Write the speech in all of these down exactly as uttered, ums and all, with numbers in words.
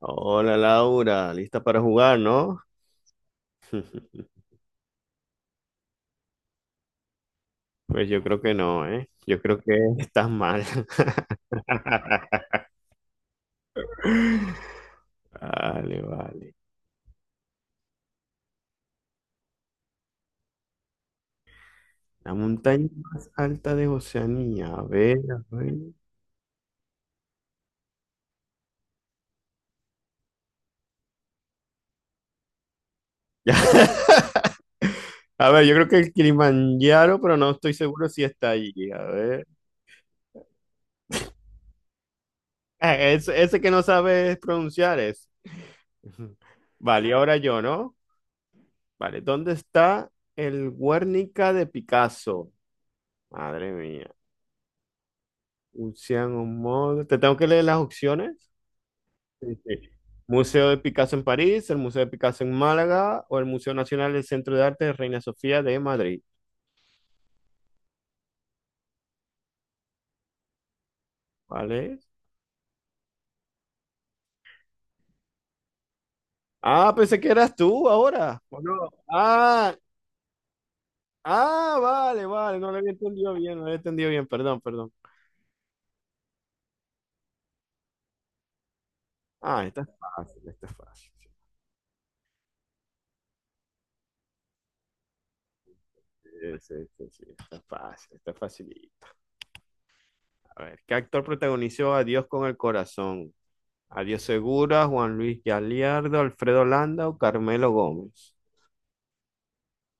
Hola Laura, ¿lista para jugar, no? Pues yo creo que no, ¿eh? Yo creo que estás mal. Vale, vale. La montaña más alta de Oceanía. A ver, a ver. Ya. A ver, yo creo que el Kilimanjaro, pero no estoy seguro si está allí. A ver. Eh, Ese, ese que no sabes pronunciar es. Vale, y ahora yo, ¿no? Vale, ¿dónde está el Guernica de Picasso? Madre mía. Un Modo. Te tengo que leer las opciones. Sí, sí. Museo de Picasso en París, el Museo de Picasso en Málaga o el Museo Nacional del Centro de Arte de Reina Sofía de Madrid. ¿Vale? Ah, pensé que eras tú ahora. ¿O no? Ah, ah, vale, vale. No lo había entendido bien, no lo había entendido bien. Perdón, perdón. Ah, esta es fácil, esta es fácil. Sí, sí, sí, sí, esta es fácil, esta es facilita. A ver, ¿qué actor protagonizó a Dios con el corazón? Ariel Segura, Juan Luis Galiardo, Alfredo Landa Carmelo Gómez.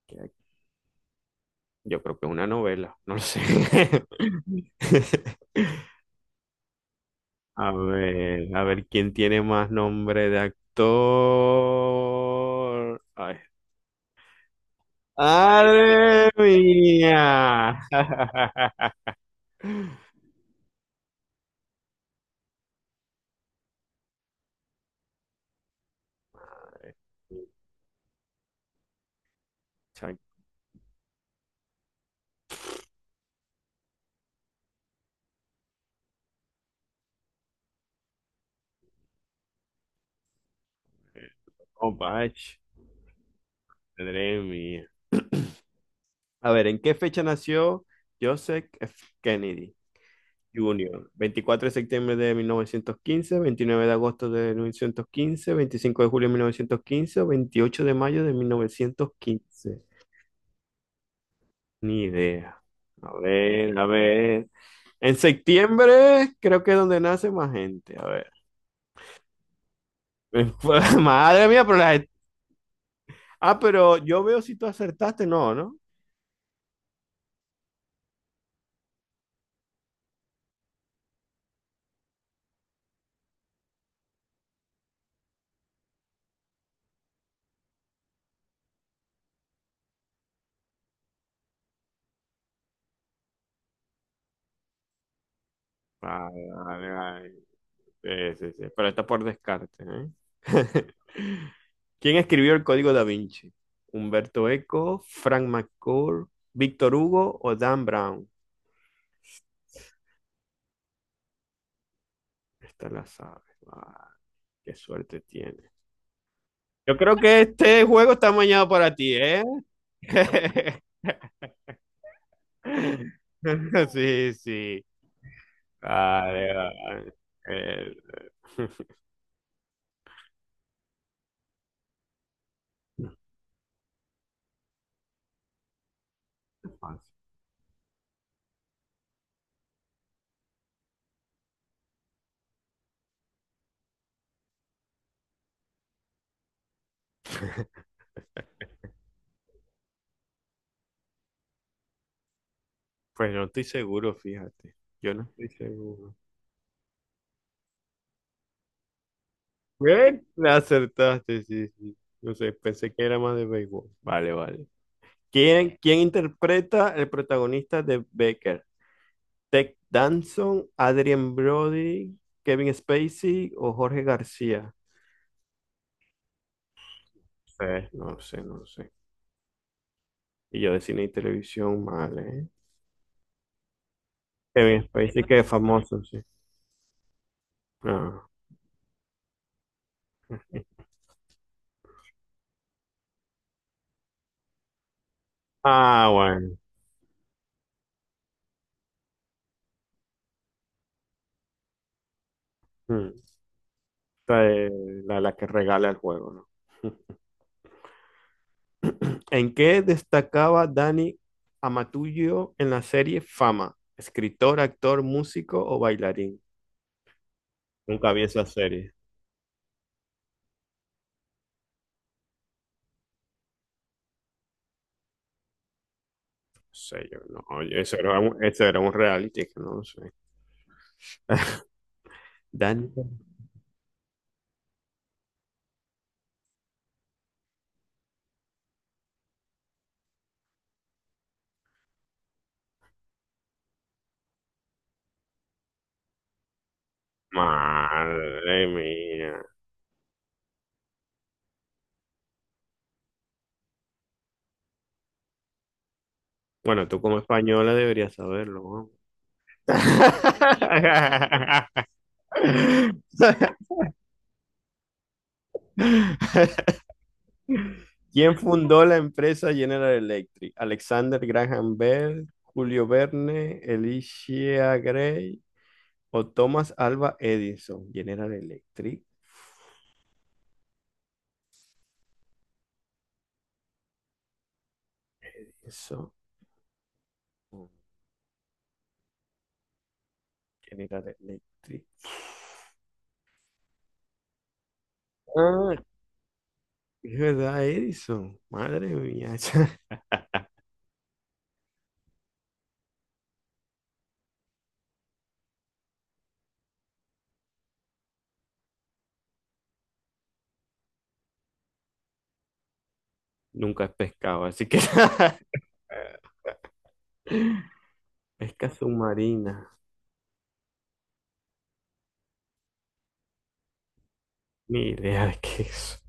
Que Yo creo que es una novela, no lo sé. A ver, a ver quién tiene más nombre de actor. Ay. ¡Madre mía! Chac- Opa, ch- madre mía. A ver, ¿en qué fecha nació Joseph F. Kennedy Junior? Veinticuatro de septiembre de mil novecientos quince, veintinueve de agosto de mil novecientos quince, veinticinco de julio de mil novecientos quince, veintiocho de mayo de mil novecientos quince. Ni idea. A ver, a ver. En septiembre creo que es donde nace más gente. A ver. Madre mía, pero la... Ah, pero yo veo si tú acertaste, no, ¿no? Vale, vale, vale. Sí, sí, sí, pero está por descarte, ¿eh? ¿Quién escribió el Código da Vinci? ¿Humberto Eco, Frank McCourt, Víctor Hugo o Dan Brown? Esta la sabes. Ah, qué suerte tiene. Yo creo que este juego está mañado para ti, ¿eh? Sí, sí. Vale, vale. Eh, Pues no estoy seguro, fíjate. Yo no estoy seguro. Bien, la acertaste, sí, sí. No sé, pensé que era más de béisbol. Vale, vale. ¿Quién, quién interpreta el protagonista de Becker? ¿Ted Danson, Adrien Brody, Kevin Spacey o Jorge García? Eh, no lo sé, no lo sé. Y yo de cine y televisión, mal, ¿eh? Kevin Spacey, que es famoso, sí. Ah, ah, bueno. Hmm. Esta es la, la que regala el juego, ¿no? ¿En qué destacaba Dani Amatullo en la serie Fama? ¿Escritor, actor, músico o bailarín? Nunca vi esa serie. No sé, yo no. Oye, eso era un, eso era un reality, que no lo sé. Dani. Madre mía. Bueno, tú como española deberías saberlo, ¿no? ¿Quién fundó la empresa General Electric? Alexander Graham Bell, Julio Verne, Elisha Gray o Thomas Alva Edison. General Electric, eso. General Electric. Ah, es verdad, Edison. Madre mía. Nunca he pescado, así que pesca submarina. Ni idea de qué es.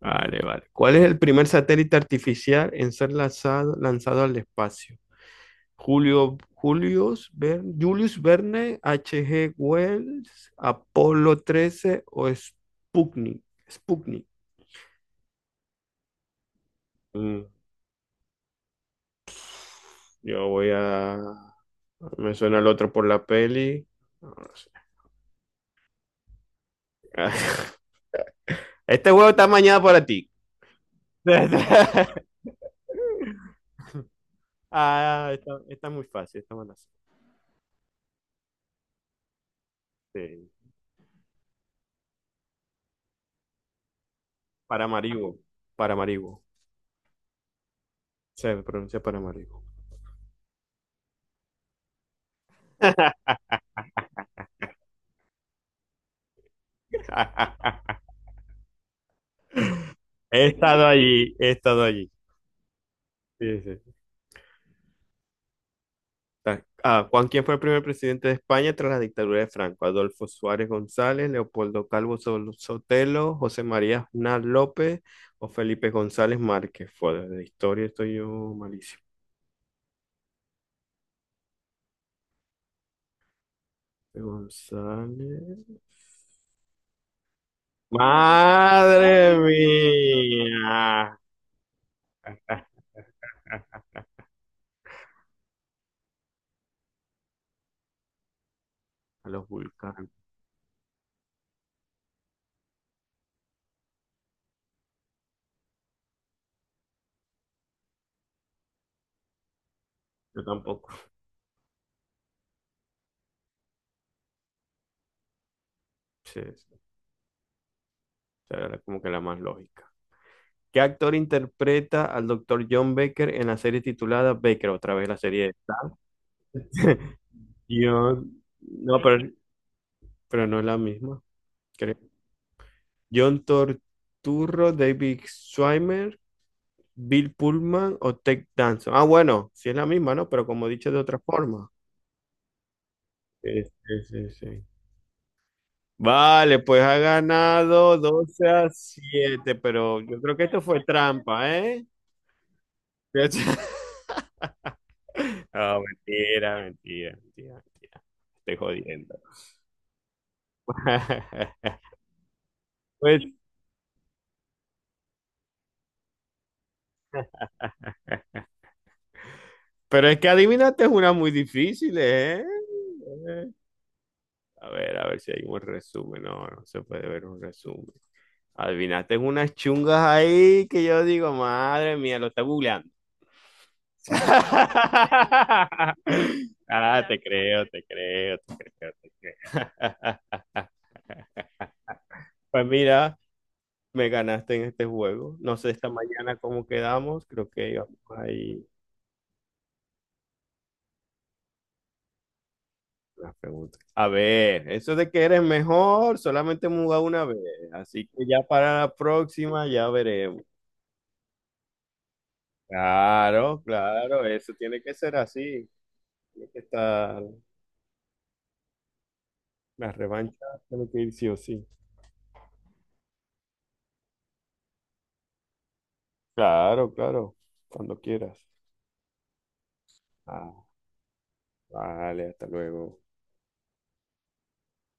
Vale, vale. ¿Cuál es el primer satélite artificial en ser lanzado, lanzado al espacio? Julio, Julius, Verne, Julius Verne, H G. Wells, Apolo trece o Sputnik. Sputnik. Mm, yo voy a... Me suena el otro por la peli. No, no sé. Este juego está mañana para ti. Ah, está, está muy fácil, está buena. Sí. Paramaribo, Paramaribo. Se pronuncia Paramaribo. He estado allí, he estado allí. Sí, sí. Ta- Ah, Juan, ¿quién fue el primer presidente de España tras la dictadura de Franco? Adolfo Suárez González, Leopoldo Calvo Sol- Sotelo, José María Aznar López o Felipe González Márquez. Fue de historia, estoy yo malísimo. Felipe González. ¡Madre mía! A los vulcanos. Yo tampoco. Sí, sí. O sea, era como que la más lógica. ¿Qué actor interpreta al doctor John Baker en la serie titulada Baker? Otra vez la serie de... John, no, pero, pero no es la misma, creo. John Torturro, David Schwimmer, Bill Pullman o Ted Danson. Ah, bueno, sí es la misma, ¿no? Pero como he dicho de otra forma. Sí, sí, sí, sí. Vale, pues ha ganado doce a siete pero yo creo que esto fue trampa, ¿eh? No, mentira, mentira, mentira, mentira. Estoy jodiendo. Pues pero es que adivinaste es una muy difícil, ¿eh? Eh, A ver, a ver si hay un resumen. No, no se puede ver un resumen. Adivinaste unas chungas ahí que yo digo, madre mía, lo está googleando. Ah, te creo, te creo, te creo, te creo. Pues mira, me ganaste en este juego. No sé esta mañana cómo quedamos. Creo que íbamos ahí. Las preguntas. A ver, eso de que eres mejor, solamente hemos jugado una vez. Así que ya para la próxima ya veremos. Claro, claro, eso tiene que ser así. Tiene que estar la revancha, tiene que ir sí o sí. Claro, claro, cuando quieras. Ah, vale, hasta luego.